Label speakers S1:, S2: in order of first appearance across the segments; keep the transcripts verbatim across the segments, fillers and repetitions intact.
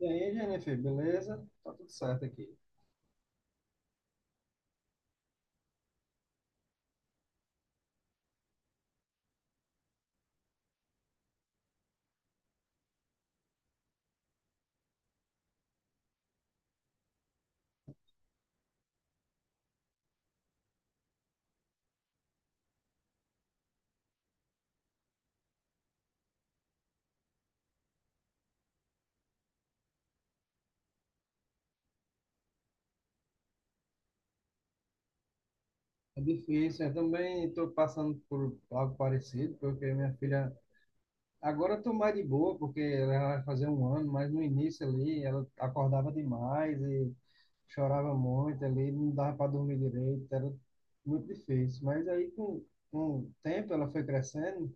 S1: E aí, Jennifer, beleza? Tá tudo certo aqui. É difícil, eu também estou passando por algo parecido, porque minha filha. Agora eu tô mais de boa, porque ela vai fazer um ano, mas no início ali ela acordava demais e chorava muito ali, não dava para dormir direito, era muito difícil. Mas aí com, com o tempo ela foi crescendo.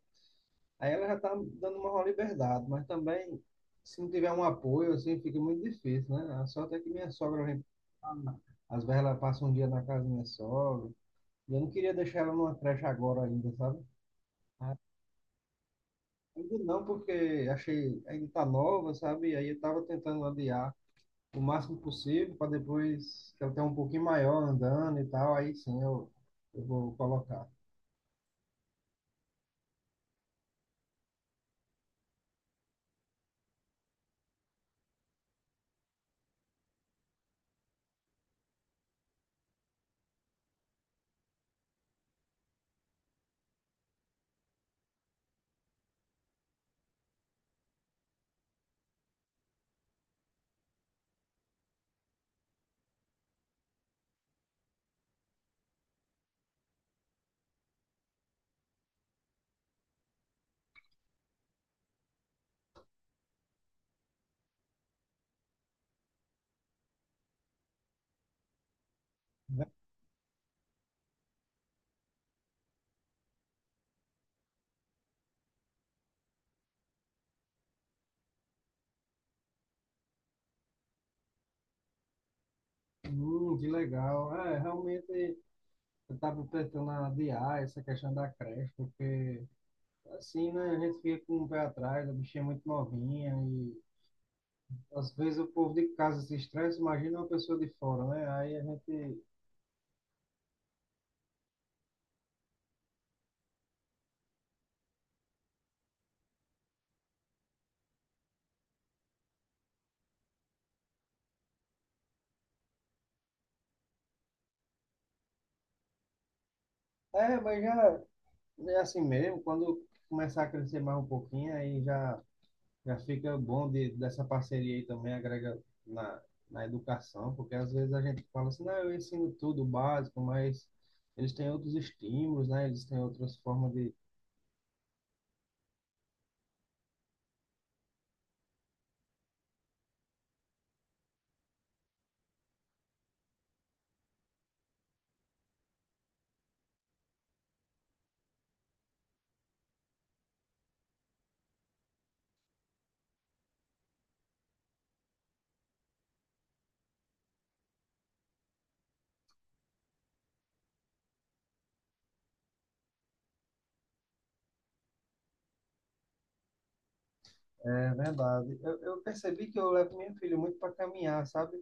S1: Aí ela já tá dando uma maior liberdade, mas também, se não tiver um apoio, assim, fica muito difícil, né? A sorte é que minha sogra vem. Às vezes ela passa um dia na casa da minha sogra. E eu não queria deixar ela numa creche agora ainda, sabe? Ainda não, porque achei, ainda tá nova, sabe? E aí eu tava tentando adiar o máximo possível para depois que ela tenha um pouquinho maior andando e tal, aí sim eu, eu vou colocar, né? Hum, que legal. É, realmente eu estava tentando adiar essa questão da creche, porque assim, né, a gente fica com o pé atrás, a bichinha é muito novinha e às vezes o povo de casa se estressa, imagina uma pessoa de fora, né? Aí a gente... É, mas já é assim mesmo, quando começar a crescer mais um pouquinho, aí já, já fica bom de, dessa parceria aí também, agrega na, na educação, porque às vezes a gente fala assim, não, eu ensino tudo básico, mas eles têm outros estímulos, né? Eles têm outras formas de... É verdade. Eu, eu percebi que eu levo minha filha muito para caminhar, sabe?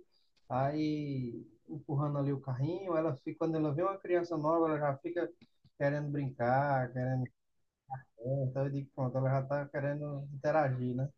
S1: Aí, empurrando ali o carrinho, ela fica, quando ela vê uma criança nova, ela já fica querendo brincar, querendo. Então eu digo, pronto, ela já está querendo interagir, né?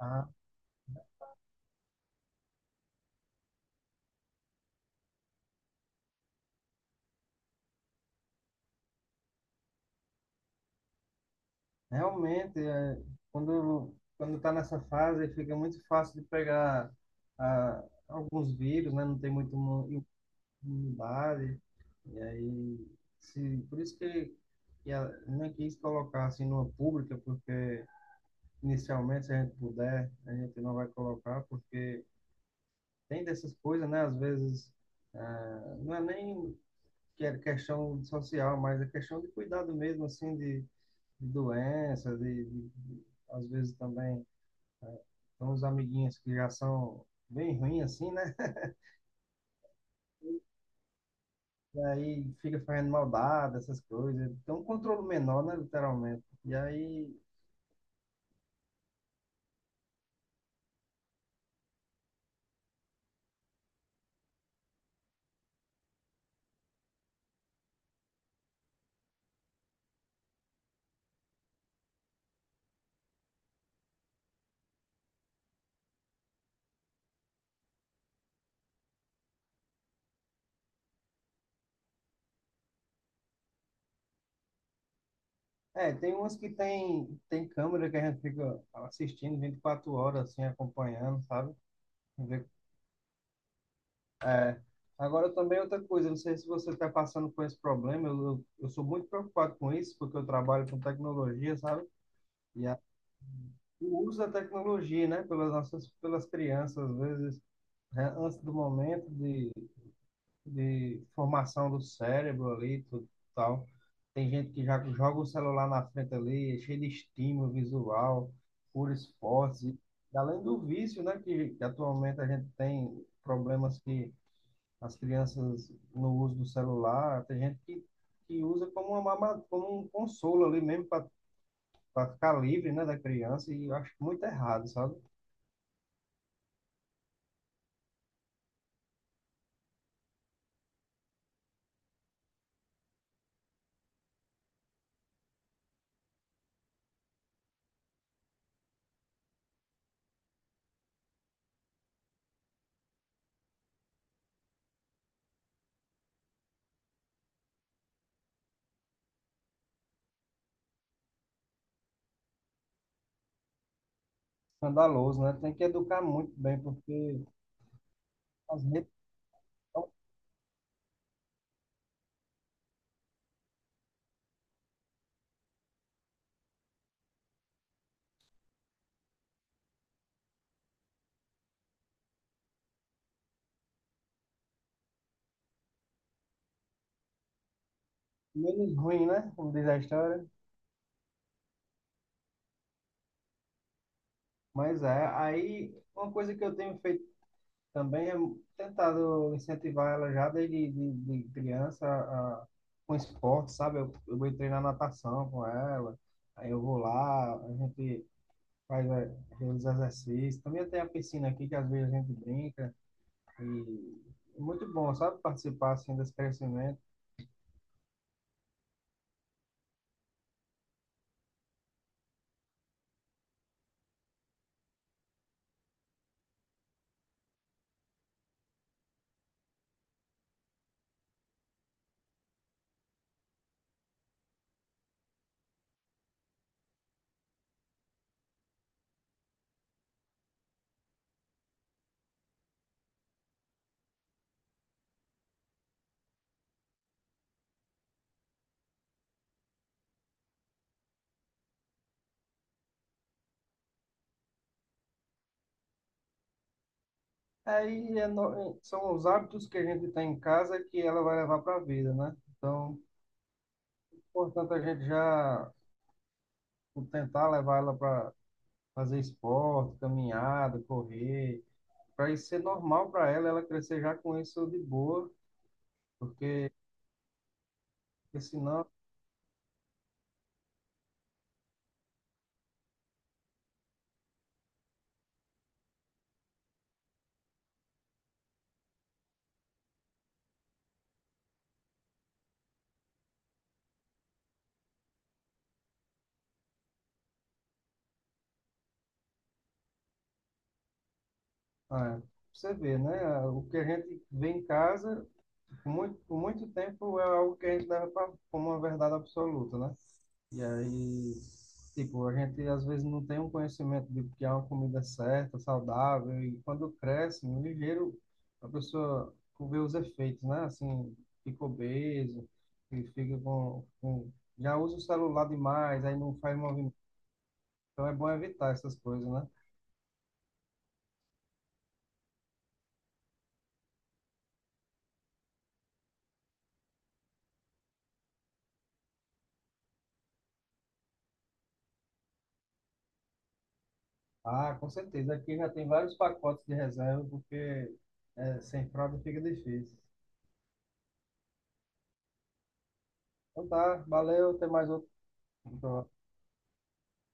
S1: Ah, realmente, é, quando quando está nessa fase, fica muito fácil de pegar ah, alguns vírus, né? Não tem muito imu- no Bali, e aí, se, por isso que, que a- nem quis colocar assim numa pública, porque inicialmente, se a gente puder, a gente não vai colocar, porque tem dessas coisas, né? Às vezes, ah, não é nem que é questão social, mas é questão de cuidado mesmo, assim, de, de doença, de, de, de- às vezes também, são os amiguinhos que já são bem ruins, assim, né? E aí fica fazendo maldade, essas coisas. Tem um controle menor, né, literalmente. E aí, é, tem umas que tem, tem câmera que a gente fica assistindo vinte e quatro horas, assim, acompanhando, sabe? Ver- Agora também outra coisa, não sei se você está passando por esse problema, eu, eu, eu sou muito preocupado com isso, porque eu trabalho com tecnologia, sabe? E a, o uso da tecnologia, né, pelas nossas, pelas crianças, às vezes, né, antes do momento de de formação do cérebro ali, tudo e tal. Tem gente que já joga o celular na frente ali, é cheio de estímulo visual, por esporte. Além do vício, né, que que atualmente a gente tem problemas que as crianças no uso do celular, tem gente que, que usa como, uma, mama- como um consolo ali mesmo para ficar livre, né, da criança, e eu acho muito errado, sabe? Escandaloso, né? Tem que educar muito bem, porque as redes são menos ruim, né? Como diz a história. Mas é, aí uma coisa que eu tenho feito também é tentado incentivar ela já desde de, de criança a, com esporte, sabe? Eu, eu vou treinar natação com ela, aí eu vou lá, a gente faz é, os exercícios. Também tem a piscina aqui que às vezes a gente brinca e é muito bom, sabe? Participar assim desse crescimento. Aí é no- são os hábitos que a gente tem em casa que ela vai levar para a vida, né? Então, portanto, a gente já tentar levar ela para fazer esporte, caminhada, correr, para isso ser normal para ela, ela crescer já com isso de boa, porque, porque senão, ah, você vê, né? O que a gente vê em casa, por muito, por muito tempo, é algo que a gente leva pra, como uma verdade absoluta, né? E aí, tipo, a gente às vezes não tem um conhecimento de que é uma comida certa, saudável, e quando cresce, no ligeiro, a pessoa vê os efeitos, né? Assim, fica obeso, e fica com, com... Já usa o celular demais, aí não faz movimento. Então é bom evitar essas coisas, né? Ah, com certeza. Aqui já tem vários pacotes de reserva, porque é, sem fralda fica difícil. Então tá, valeu, até mais outro.